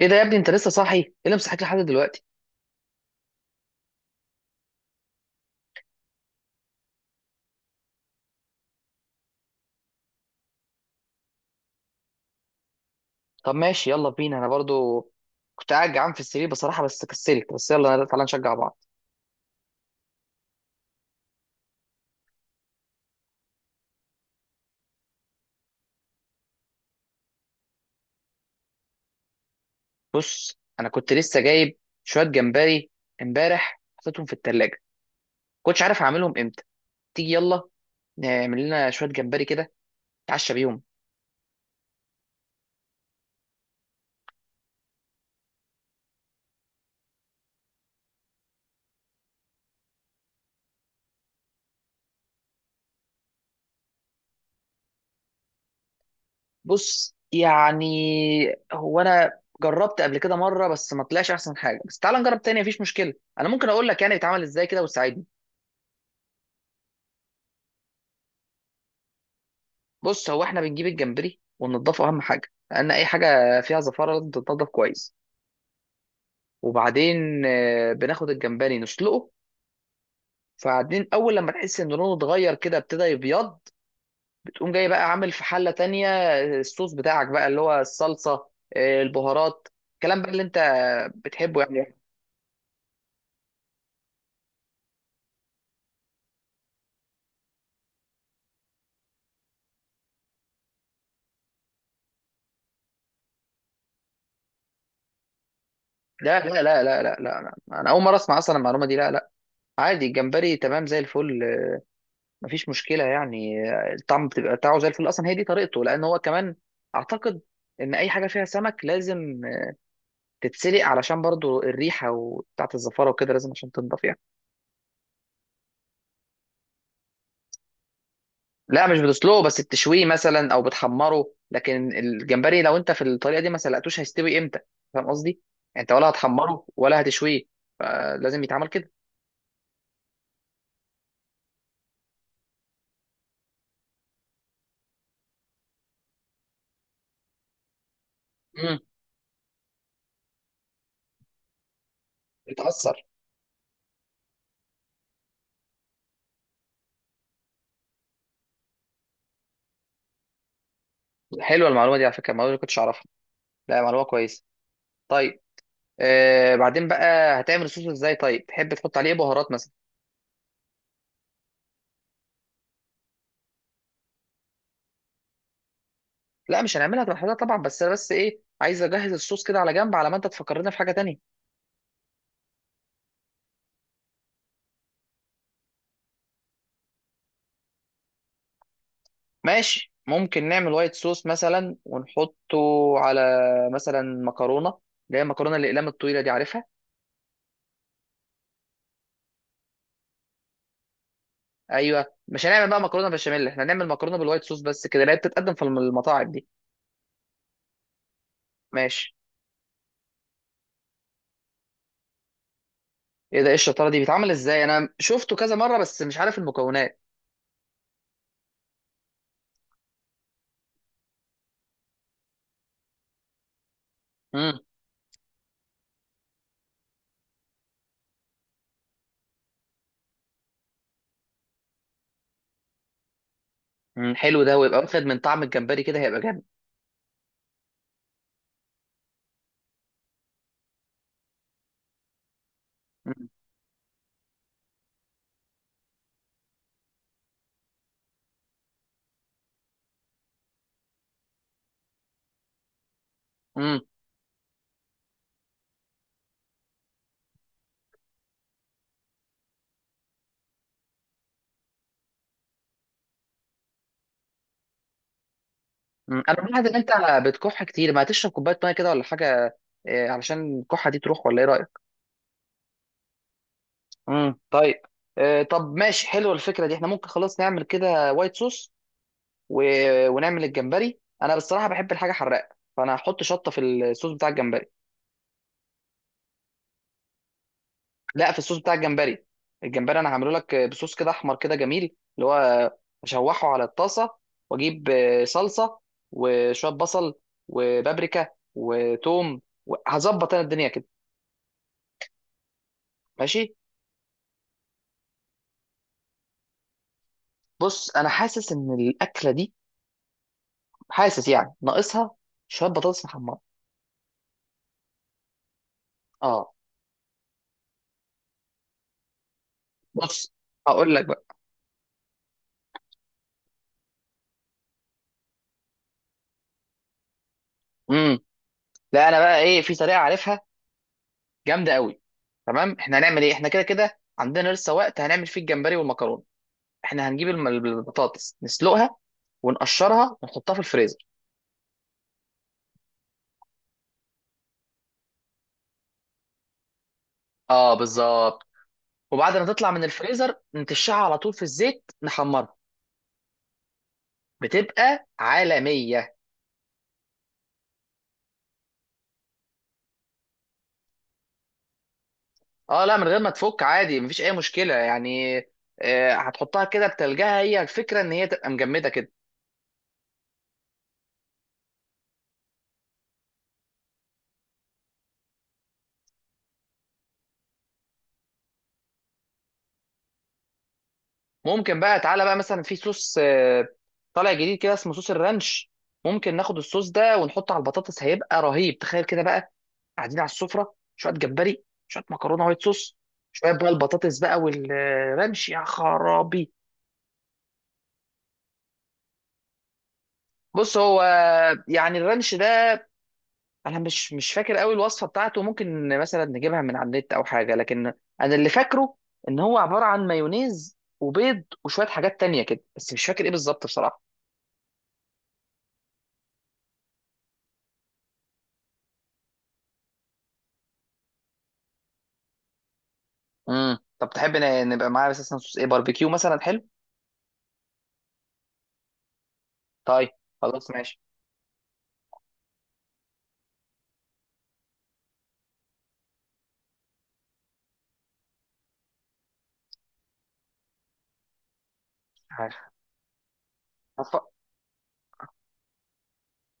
ايه ده يا ابني؟ انت لسه صاحي؟ ايه اللي مصحيك لحد دلوقتي؟ طب ماشي، يلا بينا. انا برضو كنت قاعد جعان في السرير بصراحه بس كسلت، بس يلا تعالى نشجع بعض. بص انا كنت لسه جايب شويه جمبري امبارح، حطيتهم في التلاجة، كنتش عارف اعملهم امتى. تيجي يلا نعمل لنا شويه جمبري كده، نتعشى بيهم. بص يعني، هو انا جربت قبل كده مره بس ما طلعش احسن حاجه، بس تعالى نجرب تاني، مفيش مشكله. انا ممكن اقول لك يعني بيتعمل ازاي كده وتساعدني. بص، هو احنا بنجيب الجمبري وننضفه، اهم حاجه، لان اي حاجه فيها زفاره لازم تتنضف كويس. وبعدين بناخد الجمبري نسلقه. فبعدين اول لما تحس ان لونه اتغير كده، ابتدى يبيض، بتقوم جاي بقى عامل في حله تانية، الصوص بتاعك بقى اللي هو الصلصه، البهارات، الكلام بقى اللي انت بتحبه يعني. لا لا لا لا لا لا لا. انا اول مره اسمع اصلا المعلومه دي، لا لا. عادي، الجمبري تمام زي الفل، مفيش مشكله يعني. الطعم بتبقى بتاعه زي الفل اصلا، هي دي طريقته. لان هو كمان اعتقد ان اي حاجه فيها سمك لازم تتسلق، علشان برضو الريحه وبتاعه الزفاره وكده لازم عشان تنضف يعني. لا، مش بتسلقه، بس بتشويه مثلا او بتحمره. لكن الجمبري لو انت في الطريقه دي ما سلقتوش، هيستوي امتى؟ فاهم قصدي؟ يعني انت ولا هتحمره ولا هتشويه، فلازم يتعمل كده. امم بتأثر. حلوه المعلومه دي على فكره، المعلومه دي ما كنتش اعرفها. لا، معلومه كويسه. طيب، بعدين بقى هتعمل الصوص ازاي؟ طيب تحب تحط عليه إيه، بهارات مثلا؟ لا مش هنعملها لوحدها طبعا، بس انا بس ايه، عايز اجهز الصوص كده على جنب، على ما انت تفكرنا في حاجه تانية. ماشي، ممكن نعمل وايت صوص مثلا ونحطه على مثلا مكرونه، اللي هي المكرونه الاقلام الطويله دي، عارفها؟ ايوه، مش هنعمل بقى مكرونه بشاميل، احنا هنعمل مكرونه بالوايت صوص بس كده، اللي هي بتتقدم في المطاعم دي. ماشي. ايه ده؟ ايه الشطاره دي؟ بيتعمل ازاي؟ انا شفته كذا مره بس مش عارف المكونات. امم حلو ده، ويبقى واخد من طعم الجمبري كده، هيبقى جامد. مم. انا ملاحظ ان انت بتكح كتير، ما تشرب كوبايه ميه كده ولا حاجه؟ علشان الكحه دي تروح، ولا ايه رايك؟ طيب. طب ماشي، حلوه الفكره دي، احنا ممكن خلاص نعمل كده وايت صوص، و... ونعمل الجمبري. انا بصراحه بحب الحاجه حراقه، فانا هحط شطه في الصوص بتاع الجمبري. لا، في الصوص بتاع الجمبري. الجمبري انا هعمله لك بصوص كده احمر كده جميل، اللي هو اشوحه على الطاسه، واجيب صلصه وشويه بصل وبابريكا وتوم، وهظبط انا الدنيا كده. ماشي. بص انا حاسس ان الاكله دي، حاسس يعني ناقصها شويه بطاطس محمره. اه. بص هقول لك بقى. امم لا، انا بقى ايه، في طريقه عارفها جامده قوي. تمام، احنا هنعمل ايه، احنا كده كده عندنا لسه وقت هنعمل فيه الجمبري والمكرونه. احنا هنجيب البطاطس نسلقها، ونقشرها ونحطها في الفريزر. اه بالظبط. وبعد ما تطلع من الفريزر نتشعها على طول في الزيت نحمرها، بتبقى عالميه. اه لا، من غير ما تفك عادي، مفيش اي مشكله يعني. هتحطها كده بتلجها، هي الفكره ان هي تبقى مجمده كده. ممكن بقى، تعالى بقى مثلا، في صوص طالع جديد كده اسمه صوص الرانش. ممكن ناخد الصوص ده ونحطه على البطاطس، هيبقى رهيب. تخيل كده بقى، قاعدين على السفره، شويه جمبري، شويه مكرونه وايت صوص، شويه بقى البطاطس بقى والرانش، يا خرابي. بص هو يعني الرانش ده، انا مش فاكر قوي الوصفه بتاعته، ممكن مثلا نجيبها من على النت او حاجه، لكن انا اللي فاكره ان هو عباره عن مايونيز وبيض وشويه حاجات تانية كده، بس مش فاكر ايه بالظبط بصراحه. طب تحب نبقى معاه اساسا صوص ايه، باربيكيو مثلا حلو؟ طيب، خلاص ماشي. عارف. هف-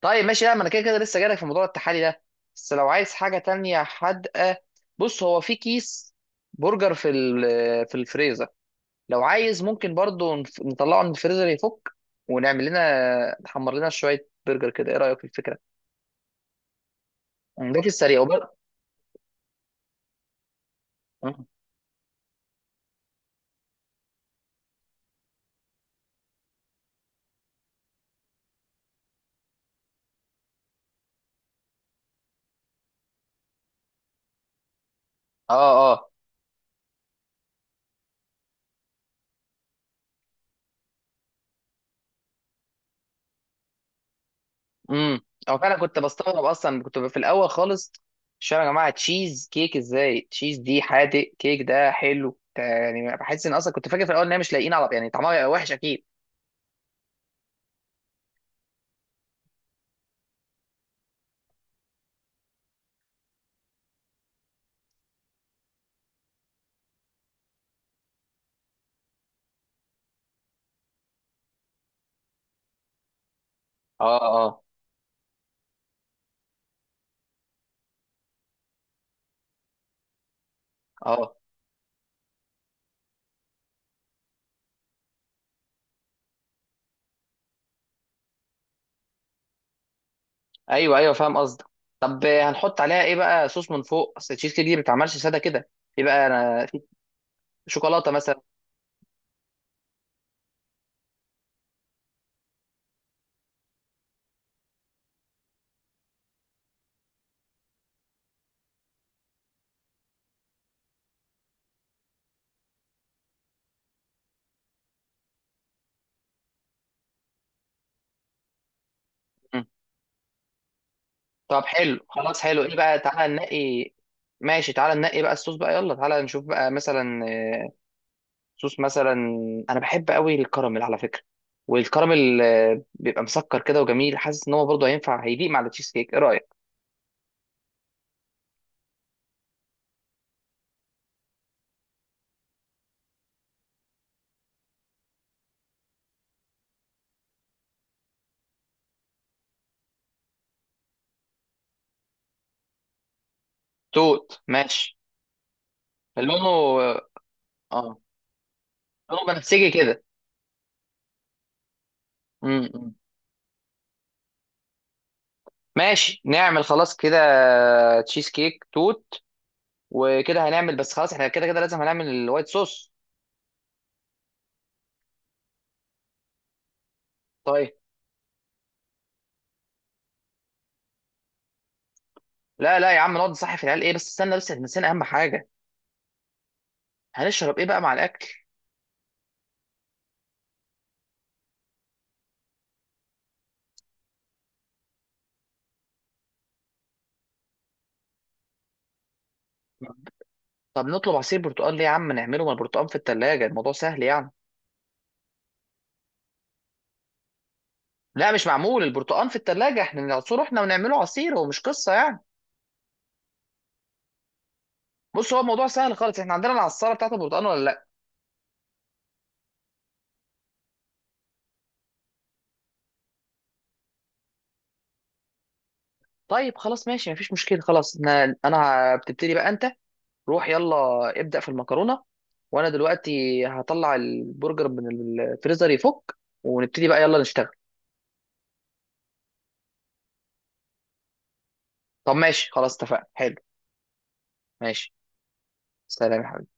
طيب ماشي. لا، ما انا كده كده لسه جايلك في موضوع التحالي ده، بس لو عايز حاجه تانية حادقه، بص هو في كيس برجر في الفريزر، لو عايز ممكن برضو نطلعه من الفريزر يفك، ونعمل لنا نحمر لنا شويه برجر كده. ايه رايك في الفكره؟ ده في السريع مم. اه اه. امم او فعلا كنت بستغرب اصلا، كنت في الاول خالص مش فاهم يا جماعه، تشيز كيك ازاي؟ تشيز دي حادق، كيك ده حلو، ده يعني بحس ان اصلا، كنت فاكر في الاول ان هي مش لاقيين على، يعني طعمها هيبقى وحش اكيد. اه اه اه. ايوه ايوه، فاهم قصدك. طب هنحط عليها ايه بقى؟ صوص من فوق، اصل التشيز كيك دي ما بتتعملش ساده كده. في بقى، انا في شوكولاته مثلا. طب حلو خلاص. حلو ايه بقى؟ تعالى ننقي. ماشي، تعالى ننقي بقى الصوص بقى، يلا تعالى نشوف بقى مثلا صوص مثلا. انا بحب قوي الكراميل على فكرة، والكراميل بيبقى مسكر كده وجميل، حاسس ان هو برضه هينفع، هيليق مع التشيز كيك. ايه رأيك؟ توت، ماشي. لونه اه لونه بنفسجي كده. امم ماشي، نعمل خلاص كده، تشيز كيك توت. وكده هنعمل. بس خلاص احنا كده كده لازم هنعمل الوايت صوص. طيب، لا لا يا عم، نقعد نصحي في العيال. ايه بس، استنى بس، احنا نسينا اهم حاجة. هنشرب ايه بقى مع الاكل؟ طب نطلب عصير برتقال ليه يا عم؟ نعمله، ما البرتقال في التلاجة، الموضوع سهل يعني. لا، مش معمول البرتقال في التلاجة. احنا نعصره احنا ونعمله عصير، هو مش قصة يعني. بص هو الموضوع سهل خالص، احنا عندنا العصارة بتاعت البرتقال ولا لا؟ طيب خلاص ماشي، مفيش مشكلة. خلاص انا بتبتدي بقى انت، روح يلا ابدأ في المكرونة، وانا دلوقتي هطلع البرجر من الفريزر يفك، ونبتدي بقى يلا نشتغل. طب ماشي خلاص اتفقنا، حلو. ماشي. سلام يا حبيبي.